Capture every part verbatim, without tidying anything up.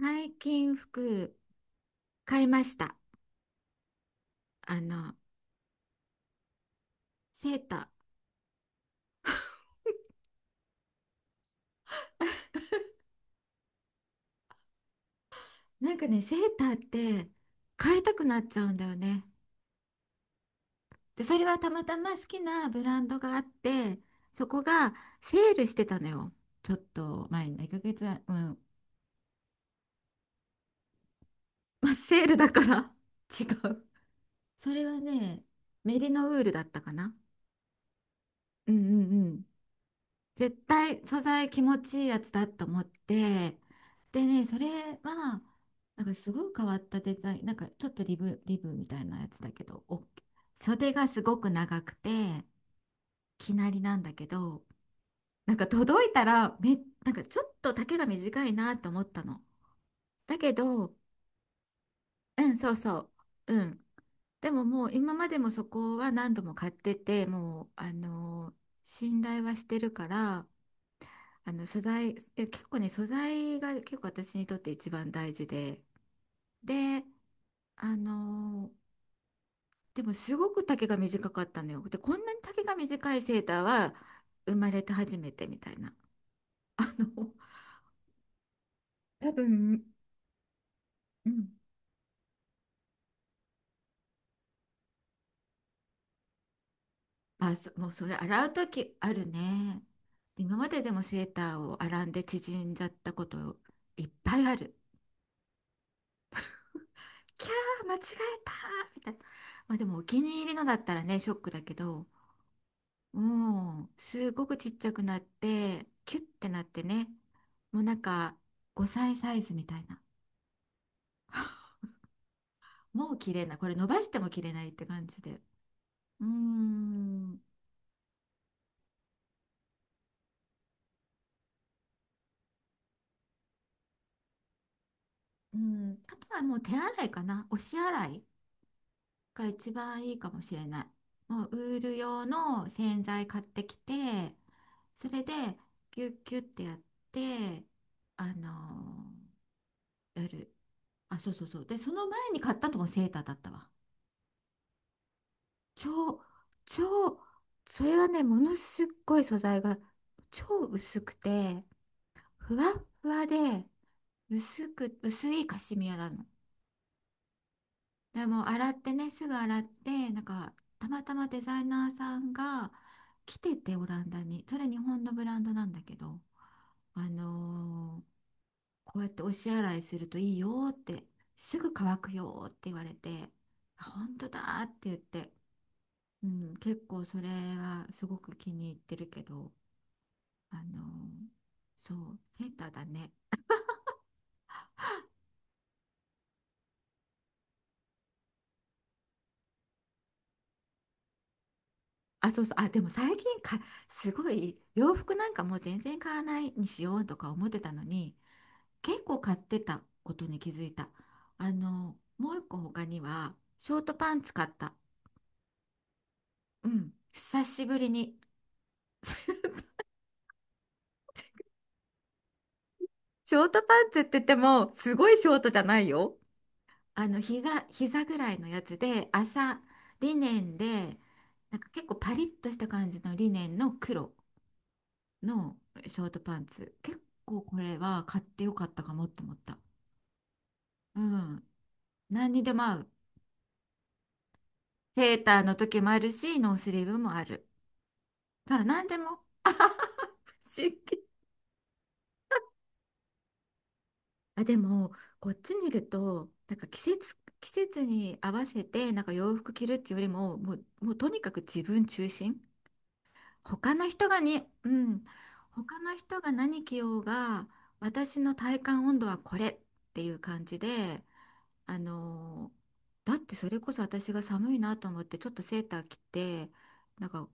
最近服買いました。あの、セーター。なんかね、セーターって買いたくなっちゃうんだよね。で、それはたまたま好きなブランドがあって、そこがセールしてたのよ。ちょっと前のいっかげつ。うん。まあ、セールだから、 違う。それはね、メリノウールだったかな。うんうん。絶対素材気持ちいいやつだと思って、でね、それはなんかすごい変わったデザイン、なんかちょっとリブ、リブみたいなやつだけど、お袖がすごく長くて、きなりなんだけど、なんか届いたらめ、なんかちょっと丈が短いなと思ったの。だけど、うん、そうそう、うん。でも、もう今までもそこは何度も買ってて、もうあのー信頼はしてるから。あの素材、え、結構ね、素材が結構私にとって一番大事で、で、あのーでもすごく丈が短かったのよ。で、こんなに丈が短いセーターは生まれて初めてみたいな。あの、多分、うん。あ、そ、もうそれ洗う時あるね。今まででもセーターを洗んで縮んじゃったこといっぱいある。キャー、間違えたみたいな。まあでもお気に入りのだったらね、ショックだけど。もうすごくちっちゃくなってキュッてなってね、もうなんかごさいサイズみたいな。 もう綺麗な、これ伸ばしても切れないって感じで。うーん、うん。あとはもう手洗いかな、押し洗いが一番いいかもしれない。もうウール用の洗剤買ってきて、それでギュッギュッてやって、あのーやる。あ、そうそうそう、で、その前に買ったともセーターだったわ。超、超、それはね、ものすっごい素材が超薄くて、ふわっふわで、薄く、薄いカシミヤなの。でも、洗ってね、すぐ洗って、なんか、たまたまデザイナーさんが来てて、オランダに。それ日本のブランドなんだけど、あのーこうやって押し洗いするといいよって、すぐ乾くよって言われて、あ、本当だって言って。うん、結構それはすごく気に入ってるけど、あの、そう、セーターだね。あ、そうそう、あ、でも最近か、すごい洋服なんかもう全然買わないにしようとか思ってたのに、結構買ってたことに気づいた。あの、もう一個他には、ショートパンツ買った。うん、久しぶりに。ショートパンツって言っても、すごいショートじゃないよ。あの膝、膝ぐらいのやつで麻、リネンで、なんか結構パリッとした感じのリネンの黒のショートパンツ。結構これは買ってよかったかもって思った。うん、何にでも合う。セーターの時もあるしノースリーブもある。だから何でも、不思議。あ、でもこっちにいると、なんか季節季節に合わせてなんか洋服着るっていうよりも、もう、もうとにかく自分中心、他の人がに、うん、他の人が何着ようが、私の体感温度はこれっていう感じで、あのーだってそれこそ私が寒いなと思って、ちょっとセーター着て、なんか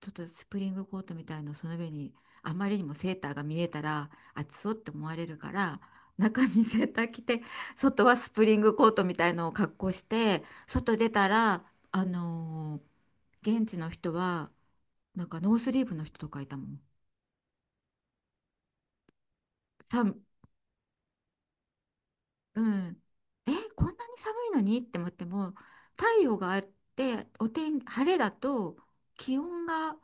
ちょっとスプリングコートみたいのその上に、あまりにもセーターが見えたら、暑そうって思われるから、中にセーター着て、外はスプリングコートみたいのを格好して、外出たら、あのー現地の人は、なんかノースリーブの人とかいたもん。さん、うん。え、こんなに寒いのにって思っても、太陽があって、お天、晴れだと、気温が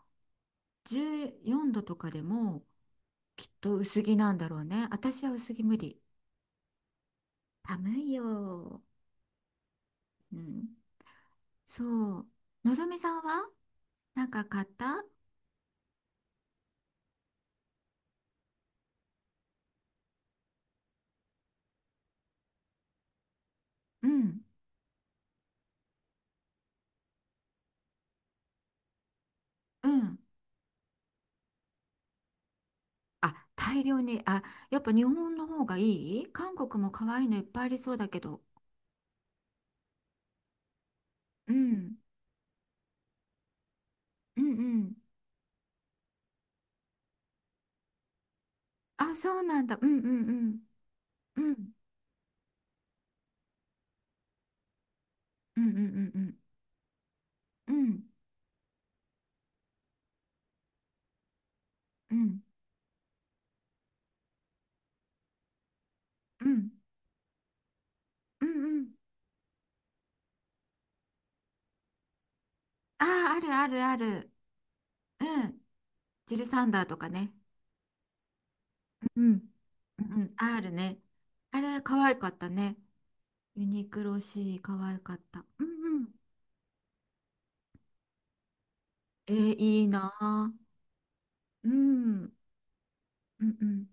じゅうよんどとかでもきっと薄着なんだろうね。私は薄着無理。寒いよ。うん。そう。のぞみさんはなんか買った？うん。うん。あ、大量に。あ、やっぱ日本の方がいい、韓国も可愛いのいっぱいありそうだけど。うん。うんうん。あ、そうなんだ。うんうんうん。うんうんうんうんうん。うんうんうんうんうん。ああ、あるあるある。うん。ジルサンダーとかね。うん。うんうん。あるね。あれ、可愛かったね。ユニクロ シー、可愛かった。うんうん。えー、いいなあ。うん。うんうん。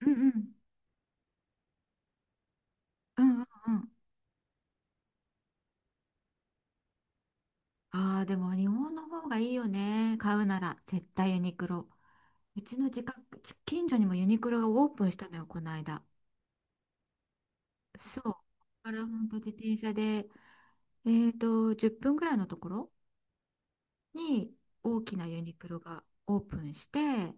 うんうん。うんうんうん。ああ、でも日本の方がいいよね。買うなら、絶対ユニクロ。うちの近く、近所にもユニクロがオープンしたのよ、この間。そう。ここから本当自転車で、えっと、じゅっぷんぐらいのところに大きなユニクロがオープンして、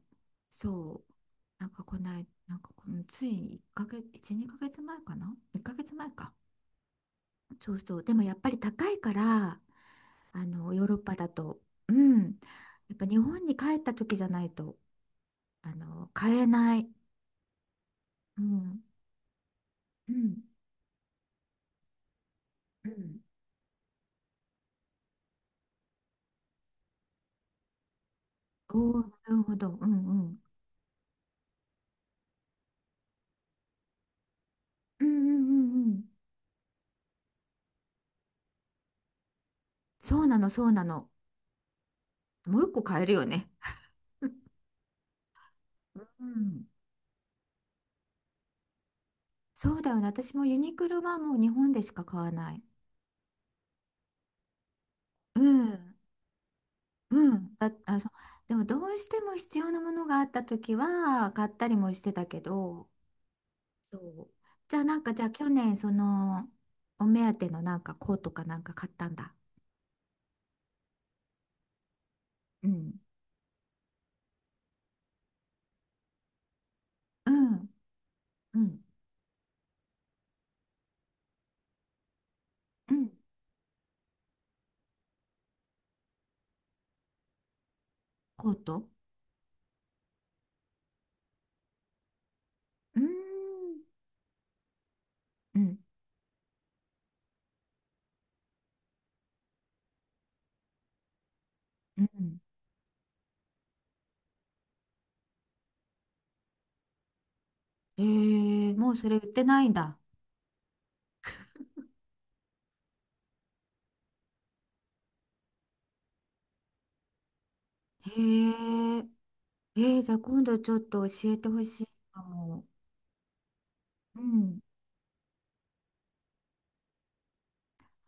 そう、なんかこない、なんかこのついいっかげつ、いち、にかげつまえかな？ いっ ヶ月前か。そうそう。でもやっぱり高いから、あの、ヨーロッパだと、うん。やっぱ日本に帰った時じゃないと、あの、買えない。うん。うん。うん。おお、なるほど。うんうん。うんうんうんうん。そうなの、そうなの。もう一個買えるよね。うん。そうだよね。私もユニクロはもう日本でしか買わない。うん。うん。だ、あ、そう。でもどうしても必要なものがあった時は買ったりもしてたけど、そう。じゃあなんかじゃあ去年そのお目当てのなんかコートかなんか買ったんだ。うん。うん。うん。うん、コート。うーん。うん。うん。えー、もうそれ売ってないんだ。へえ。えー、じゃあ今度ちょっと教えてほしいかも。うん。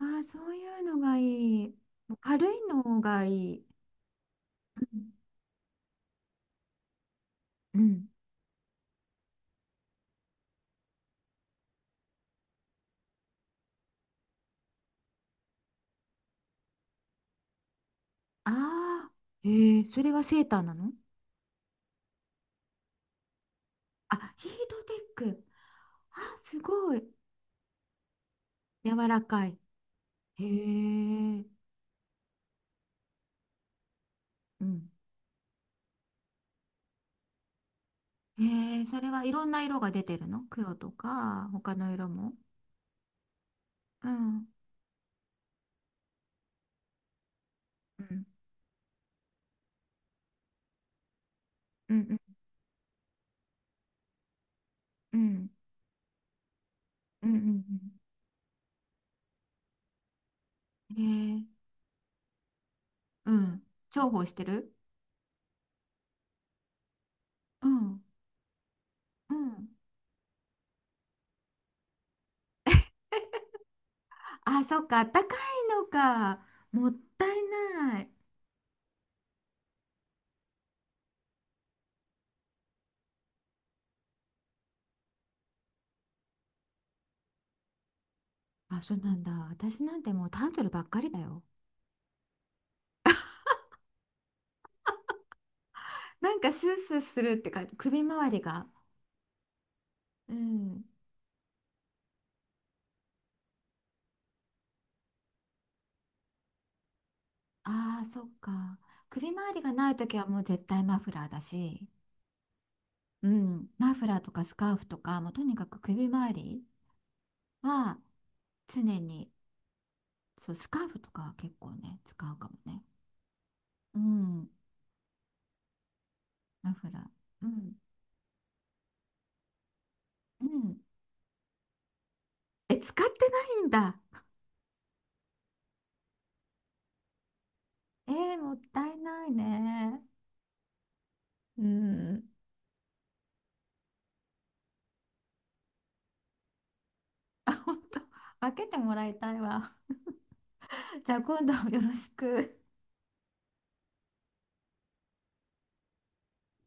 ああ、そういうのがいい。もう軽いのがいい。うん。うん、ああ、えー、それはセーターなの？あ、ヒートテック。あー、すごい。柔らかい。へえ。うん。へえー、それはいろんな色が出てるの？黒とか、他の色も。うん。うん。うんうん。うん。うん。うん。うん、へえー、うん。重宝してる。うん。うん、あ、そっか、あったかいのか。もったいない。あ、そうなんだ。私なんてもうタートルばっかりだよ。なんかスースーするってか、首周りが。うん。ああ、そっか。首周りがないときはもう絶対マフラーだし、うん。マフラーとかスカーフとか、もうとにかく首周りは常に、そう、スカーフとかは結構ね、使うかもね。うん。マフラー。うん。うん。え、使ってないんだ。えー、もったいないね。うん。あ、本当。開けてもらいたいわ。じゃあ今度よろしく。